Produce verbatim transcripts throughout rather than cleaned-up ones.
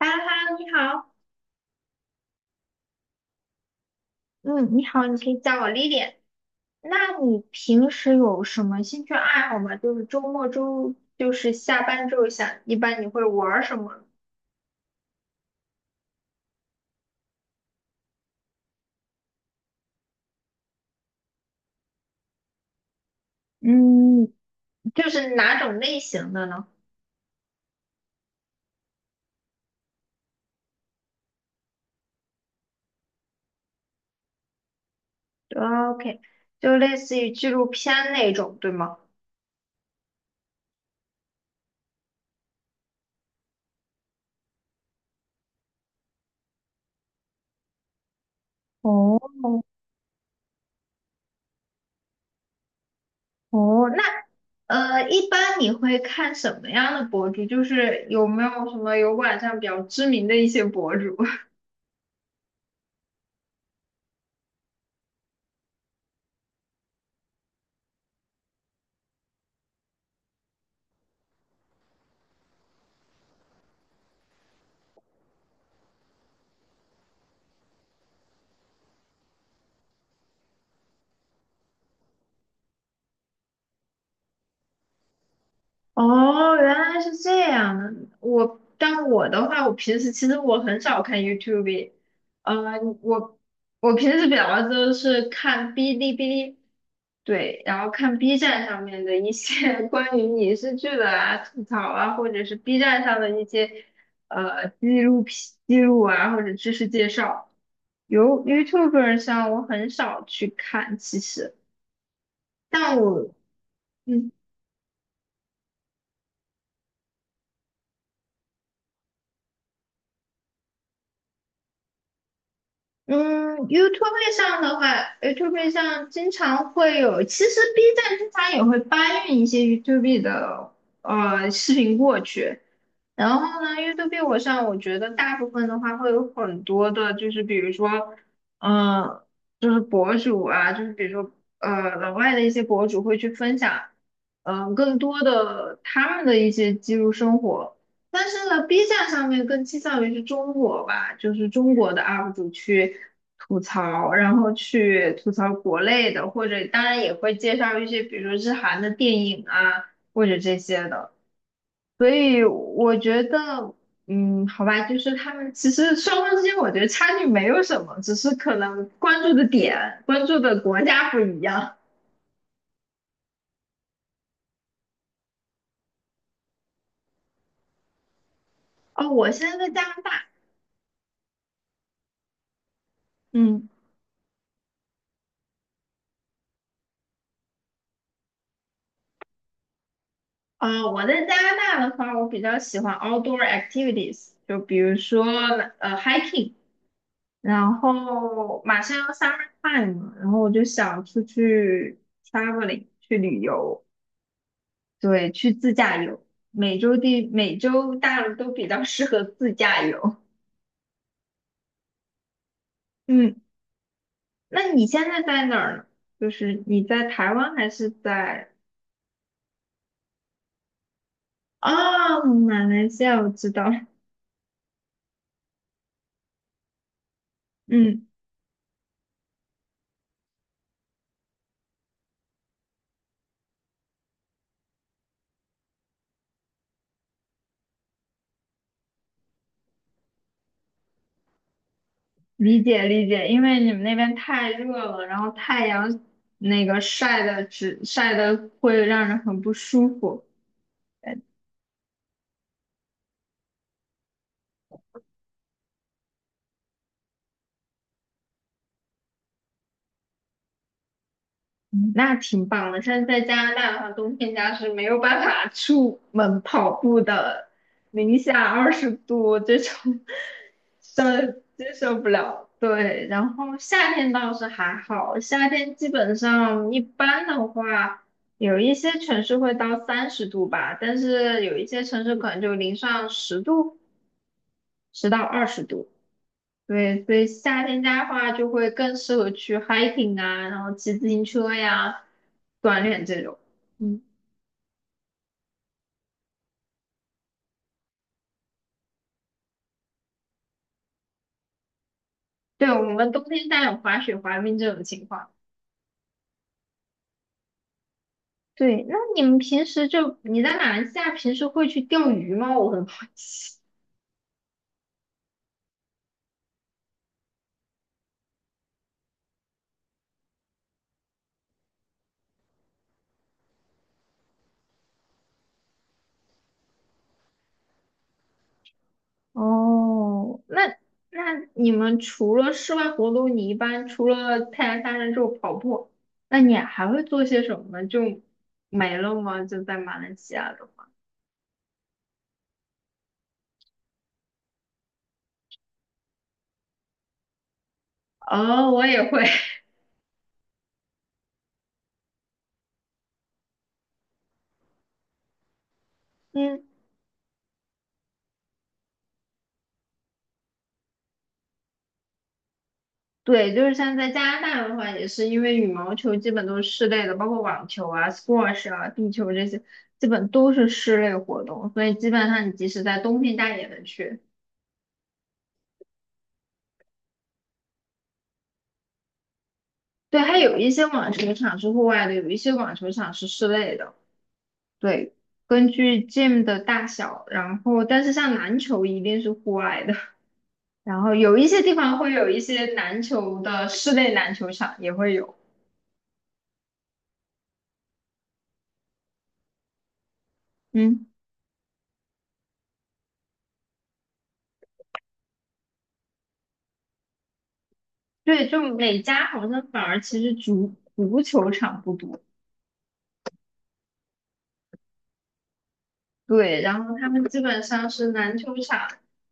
哈哈，你好。嗯，你好，你可以叫我 l i l i。 那你平时有什么兴趣爱好吗？就是周末周，就是下班之后想，一般你会玩儿什么？嗯，就是哪种类型的呢？OK，就类似于纪录片那种，对吗？哦哦，那呃，一般你会看什么样的博主？就是有没有什么有晚上比较知名的一些博主？哦，原来是这样的。我，但我的话，我平时其实我很少看 YouTube。呃，我我平时比较多是看哔哩哔哩。对，然后看 B 站上面的一些 关于影视剧的啊、吐槽啊，或者是 B 站上的一些呃纪录片、记录啊，或者知识介绍。由 YouTuber 上我很少去看，其实，但我。嗯。嗯，YouTube 上的话，YouTube 上经常会有，其实 B 站经常也会搬运一些 YouTube 的呃视频过去。然后呢，YouTube 我上我觉得大部分的话会有很多的，就是比如说，嗯、就是博主啊，就是比如说，呃，老外的一些博主会去分享，嗯、更多的他们的一些记录生活。但是呢，B 站上面更倾向于是中国吧，就是中国的 U P 主去吐槽，然后去吐槽国内的，或者当然也会介绍一些，比如说日韩的电影啊，或者这些的。所以我觉得，嗯，好吧，就是他们其实双方之间，我觉得差距没有什么，只是可能关注的点、关注的国家不一样。哦，我现在在加拿大。嗯呃，我在加拿大的话，我比较喜欢 outdoor activities，就比如说呃 hiking，然后马上要 summer time 了，然后我就想出去 traveling 去旅游。对，去自驾游，美洲地，美洲大陆都比较 适合自驾游。嗯，那你现在在哪儿呢？就是你在台湾还是在啊，马来西亚？我知道。嗯，理解理解，因为你们那边太热了，然后太阳那个晒的只晒的会让人很不舒服。嗯那挺棒的。像在加拿大的话，冬天家是没有办法出门跑步的，零下二十度这种 受接受不了。对，然后夏天倒是还好，夏天基本上一般的话，有一些城市会到三十度吧，但是有一些城市可能就零上十度，十到二十度。对，所以夏天家的话就会更适合去 hiking 啊，然后骑自行车呀，锻炼这种。嗯，对，我们冬天家有滑雪、滑冰这种情况。对，那你们平时就你在马来西亚平时会去钓鱼吗？我很好奇。哦，那那你们除了室外活动，你一般除了太阳下山之后跑步，那你还会做些什么呢？就就没了吗？就在马来西亚的话。哦，我也会。嗯。呢？对，就是像在加拿大的话，也是因为羽毛球基本都是室内的，包括网球啊、squash 啊、壁球这些，基本都是室内活动，所以基本上你即使在冬天，大家也能去。对，还有一些网球场是户外的，有一些网球场是室内的。对，根据 gym 的大小，然后但是像篮球一定是户外的，然后有一些地方会有一些篮球的室内篮球场也会有。嗯。对，就每家好像反而其实足足球场不多。对，然后他们基本上是篮球场，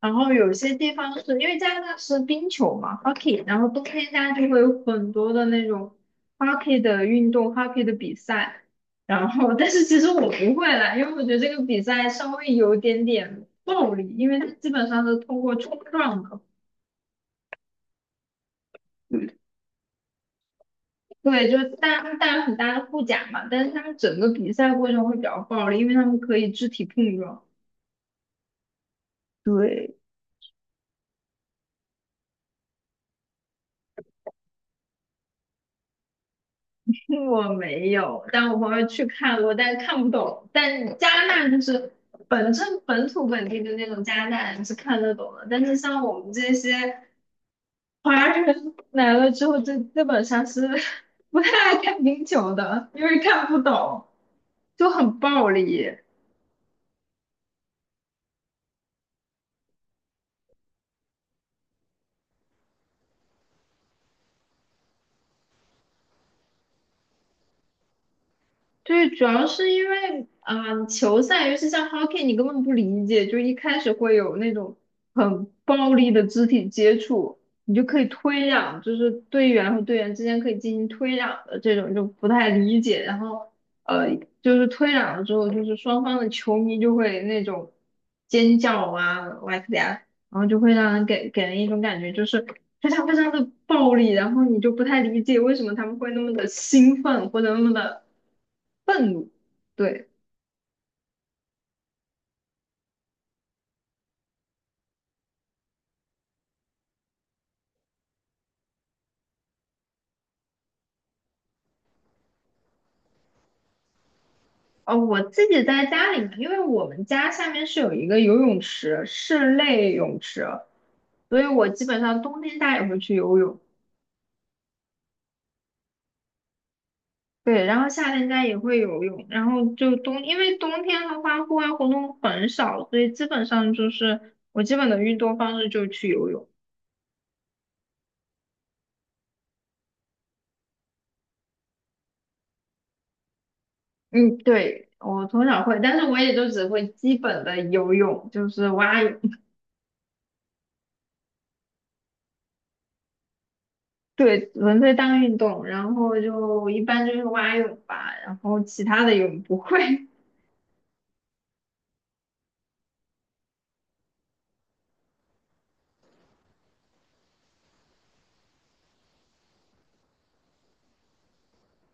然后有些地方是因为加拿大是冰球嘛，hockey，然后冬天家就会有很多的那种 hockey 的运动，hockey 的比赛。然后但是其实我不会啦，因为我觉得这个比赛稍微有点点暴力，因为它基本上是通过冲撞的。对，就是大带有很大的护甲嘛，但是他们整个比赛过程会比较暴力，因为他们可以肢体碰撞。对，我没有，但我朋友去看过，但看不懂。但加拿大就是本正本土本地的那种加拿大人是看得懂的，但是像我们这些华人 来了之后，就基本上是 不太爱看冰球的，因为看不懂，就很暴力。对，主要是因为嗯球赛，尤其像 hockey，你根本不理解，就一开始会有那种很暴力的肢体接触，你就可以推让，就是队员和队员之间可以进行推让的这种，就不太理解。然后呃，就是推让了之后，就是双方的球迷就会那种尖叫啊，哇塞啊，然后就会让人给给人一种感觉，就是非常非常的暴力，然后你就不太理解为什么他们会那么的兴奋或者那么的愤怒。对，哦，我自己在家里面因为我们家下面是有一个游泳池，室内泳池，所以我基本上冬天家也会去游泳。对，然后夏天家也会游泳，然后就冬，因为冬天的话户外活动很少，所以基本上就是我基本的运动方式就是去游泳。嗯，对，我从小会，但是我也就只会基本的游泳，就是蛙泳。对，纯粹当运动，然后就一般就是蛙泳吧，然后其他的泳不会。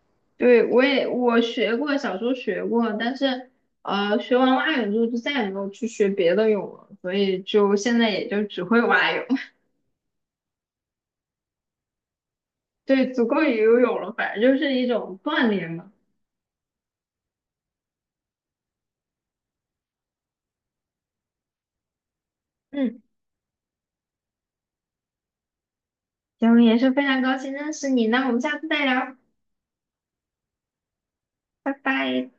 对，我也我学过，小时候学过，但是呃，学完蛙泳之后就再也没有去学别的泳了，所以就现在也就只会蛙泳。对，足够于游泳了，反正就是一种锻炼嘛。嗯，行，也是非常高兴认识你，那我们下次再聊，拜拜。